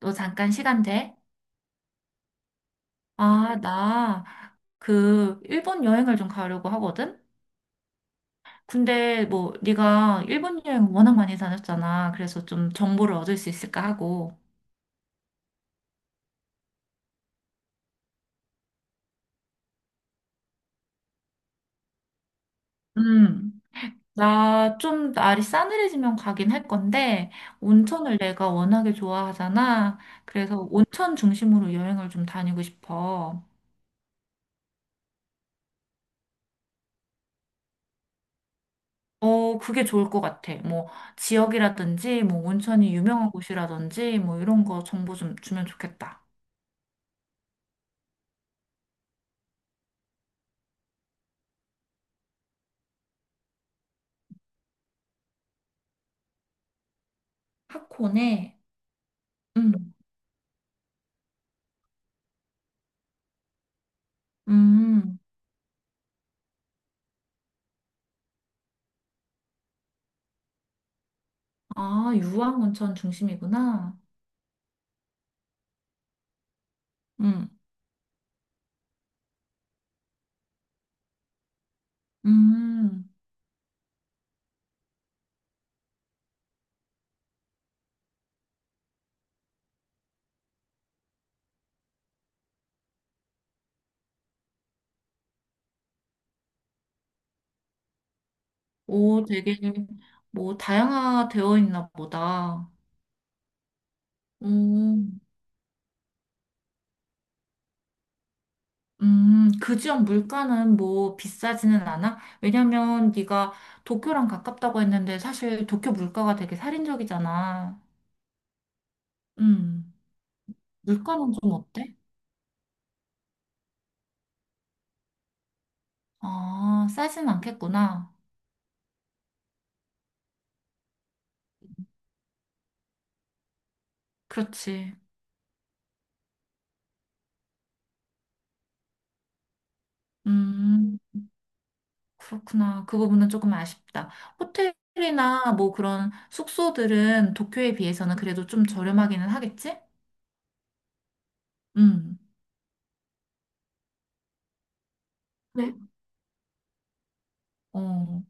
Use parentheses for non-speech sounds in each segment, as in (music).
너 잠깐 시간 돼? 아, 나 그 일본 여행을 좀 가려고 하거든? 근데 뭐 네가 일본 여행 워낙 많이 다녔잖아. 그래서 좀 정보를 얻을 수 있을까 하고. 음. 나 좀 날이 싸늘해지면 가긴 할 건데 온천을 내가 워낙에 좋아하잖아. 그래서 온천 중심으로 여행을 좀 다니고 싶어. 어, 그게 좋을 것 같아. 뭐 지역이라든지 뭐 온천이 유명한 곳이라든지 뭐 이런 거 정보 좀 주면 좋겠다. 하코네. 음, 음. 아, 유황온천 중심이구나. 음, 음. 오, 되게 뭐 다양화되어 있나 보다. 음, 그 지역 물가는 뭐 비싸지는 않아? 왜냐면 네가 도쿄랑 가깝다고 했는데 사실 도쿄 물가가 되게 살인적이잖아. 음. 물가는 좀 어때? 아, 싸진 않겠구나. 그렇지. 음. 그렇구나. 그 부분은 조금 아쉽다. 호텔이나 뭐 그런 숙소들은 도쿄에 비해서는 그래도 좀 저렴하기는 하겠지? 음. 네. 어,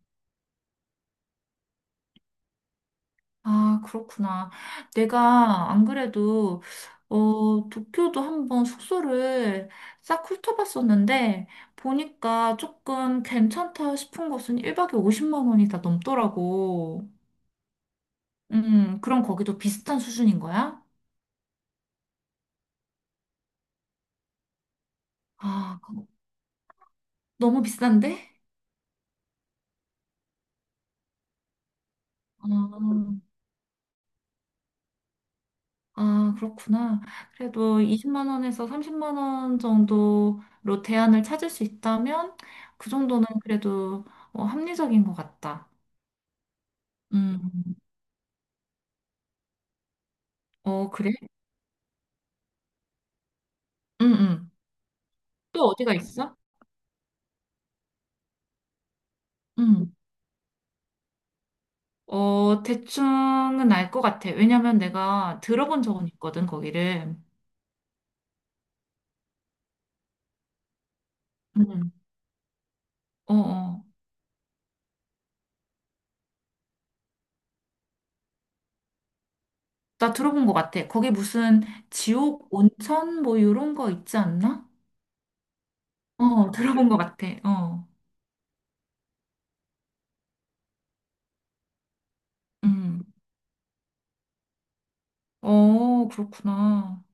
아, 그렇구나. 내가 안 그래도, 어, 도쿄도 한번 숙소를 싹 훑어봤었는데, 보니까 조금 괜찮다 싶은 곳은 1박에 50만 원이 다 넘더라고. 그럼 거기도 비슷한 수준인 거야? 아, 너무 비싼데? 아, 그렇구나. 그래도 20만 원에서 30만 원 정도로 대안을 찾을 수 있다면 그 정도는 그래도 어, 합리적인 것 같다. 음, 어, 그래? 응, 응. 또 어디가 있어? 응. 어, 대충은 알 것 같아. 왜냐면 내가 들어본 적은 있거든, 거기를. 응. 어, 어. 나 들어본 것 같아. 거기 무슨 지옥 온천 뭐 이런 거 있지 않나? 어, 들어본 것 같아. 어. 음. 어, 그렇구나.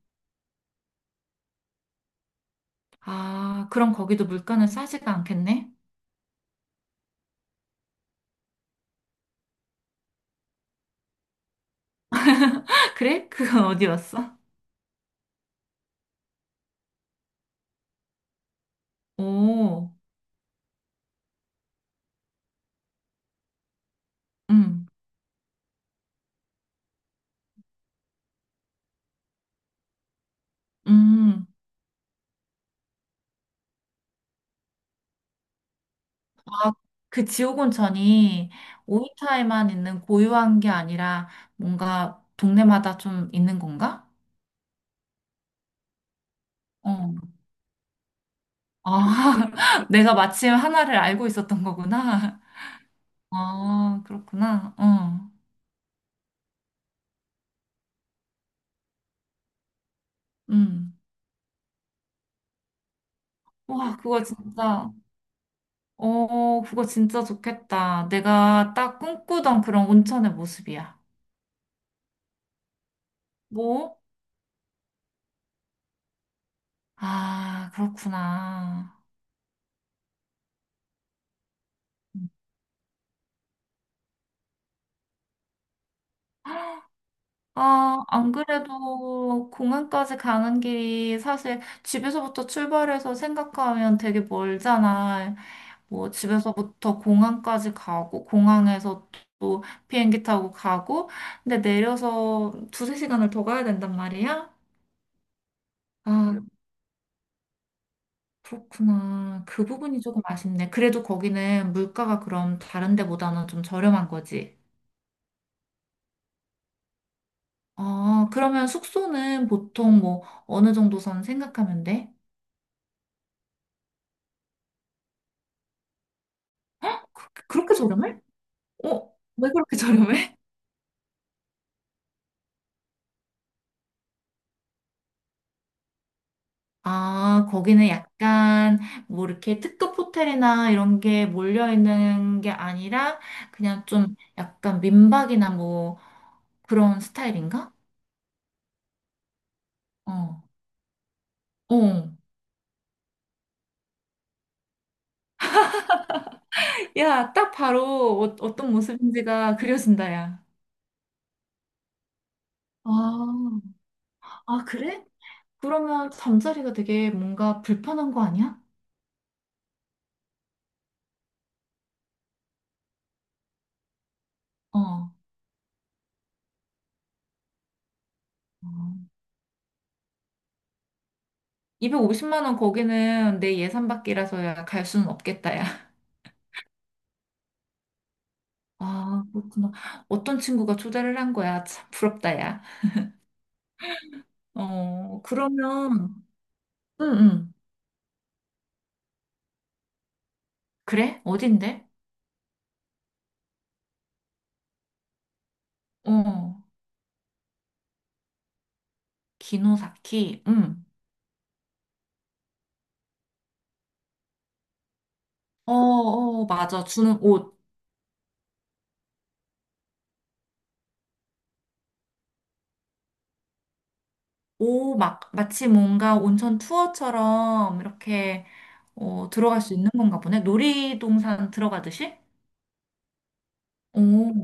아, 그럼 거기도 물가는 싸지가 않겠네? (laughs) 그래? 그건 어디였어? (laughs) 오, 음, 음. 아, 그 지옥 온천이 오이타에만 있는 고유한 게 아니라 뭔가 동네마다 좀 있는 건가? 어. 아, (laughs) 내가 마침 하나를 알고 있었던 거구나. (laughs) 아, 그렇구나. 어, 음. 와, 그거 진짜, 어, 그거 진짜 좋겠다. 내가 딱 꿈꾸던 그런 온천의 모습이야. 뭐? 아, 그렇구나. 음. 아, 안 그래도 공항까지 가는 길이 사실 집에서부터 출발해서 생각하면 되게 멀잖아. 뭐 집에서부터 공항까지 가고 공항에서 또 비행기 타고 가고 근데 내려서 두세 시간을 더 가야 된단 말이야? 아, 그렇구나. 그 부분이 조금 아쉽네. 그래도 거기는 물가가 그럼 다른 데보다는 좀 저렴한 거지. 아, 그러면 숙소는 보통 뭐 어느 정도 선 생각하면 돼? 그렇게 저렴해? 어? 왜 그렇게 저렴해? 아, 거기는 약간 뭐 이렇게 특급 호텔이나 이런 게 몰려 있는 게 아니라 그냥 좀 약간 민박이나 뭐 그런 스타일인가? 어. 어. 야, 딱 바로 어, 어떤 모습인지가 그려진다, 야. 아, 아, 그래? 그러면 잠자리가 되게 뭔가 불편한 거 아니야? 어. 어. 250만 원 거기는 내 예산 밖이라서야 갈 수는 없겠다, 야. 아, 그렇구나. 어떤 친구가 초대를 한 거야? 참 부럽다, 야. 어, 그러면, 응, 응. 그래? 어딘데? 어, 기노사키, 응. 어, 어, 맞아. 주는 옷. 오 막, 마치 뭔가 온천 투어처럼 이렇게, 어, 들어갈 수 있는 건가 보네. 놀이동산 들어가듯이? 오,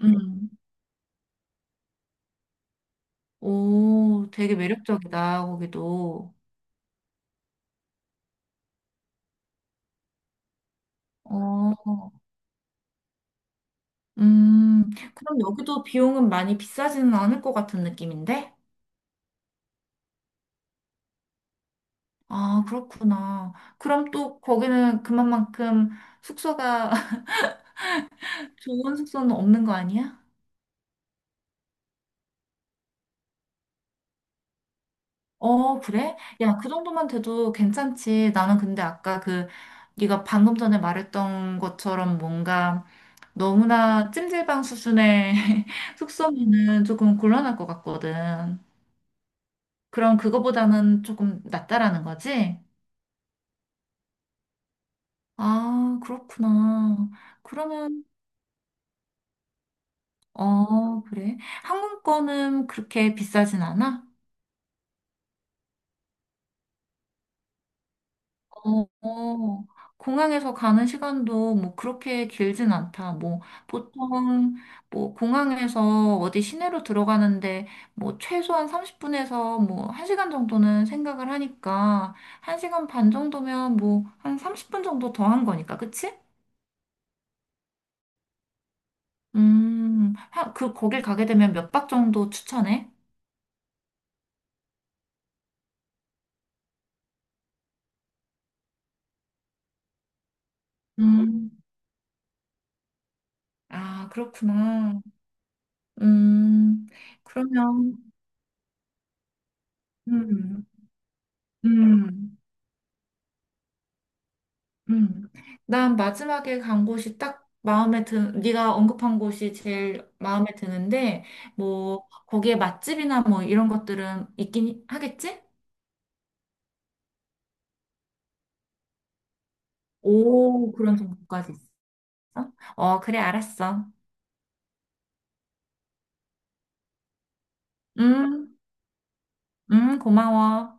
응. 오, 되게 매력적이다, 거기도. 어. 그럼 여기도 비용은 많이 비싸지는 않을 것 같은 느낌인데? 아, 그렇구나. 그럼 또 거기는 그만큼 숙소가 (laughs) 좋은 숙소는 없는 거 아니야? 어, 그래? 야, 그 정도만 돼도 괜찮지. 나는 근데 아까 그 네가 방금 전에 말했던 것처럼 뭔가 너무나 찜질방 수준의 (laughs) 숙소면은 조금 곤란할 것 같거든. 그럼 그거보다는 조금 낫다라는 거지? 아, 그렇구나. 그러면, 어, 그래. 항공권은 그렇게 비싸진 않아? 어, 어. 공항에서 가는 시간도 뭐 그렇게 길진 않다. 뭐 보통 뭐 공항에서 어디 시내로 들어가는데 뭐 최소한 30분에서 뭐 1시간 정도는 생각을 하니까 1시간 반 정도면 뭐 한 30분 정도 더한 거니까. 그치? 그 거길 가게 되면 몇 박 정도 추천해? 음. 아, 그렇구나. 음, 그러면, 음, 음, 음. 난 마지막에 간 곳이 딱 네가 언급한 곳이 제일 마음에 드는데, 뭐, 거기에 맛집이나 뭐 이런 것들은 있긴 하겠지? 오, 그런 정보까지 있어? 어, 그래, 알았어. 음, 고마워.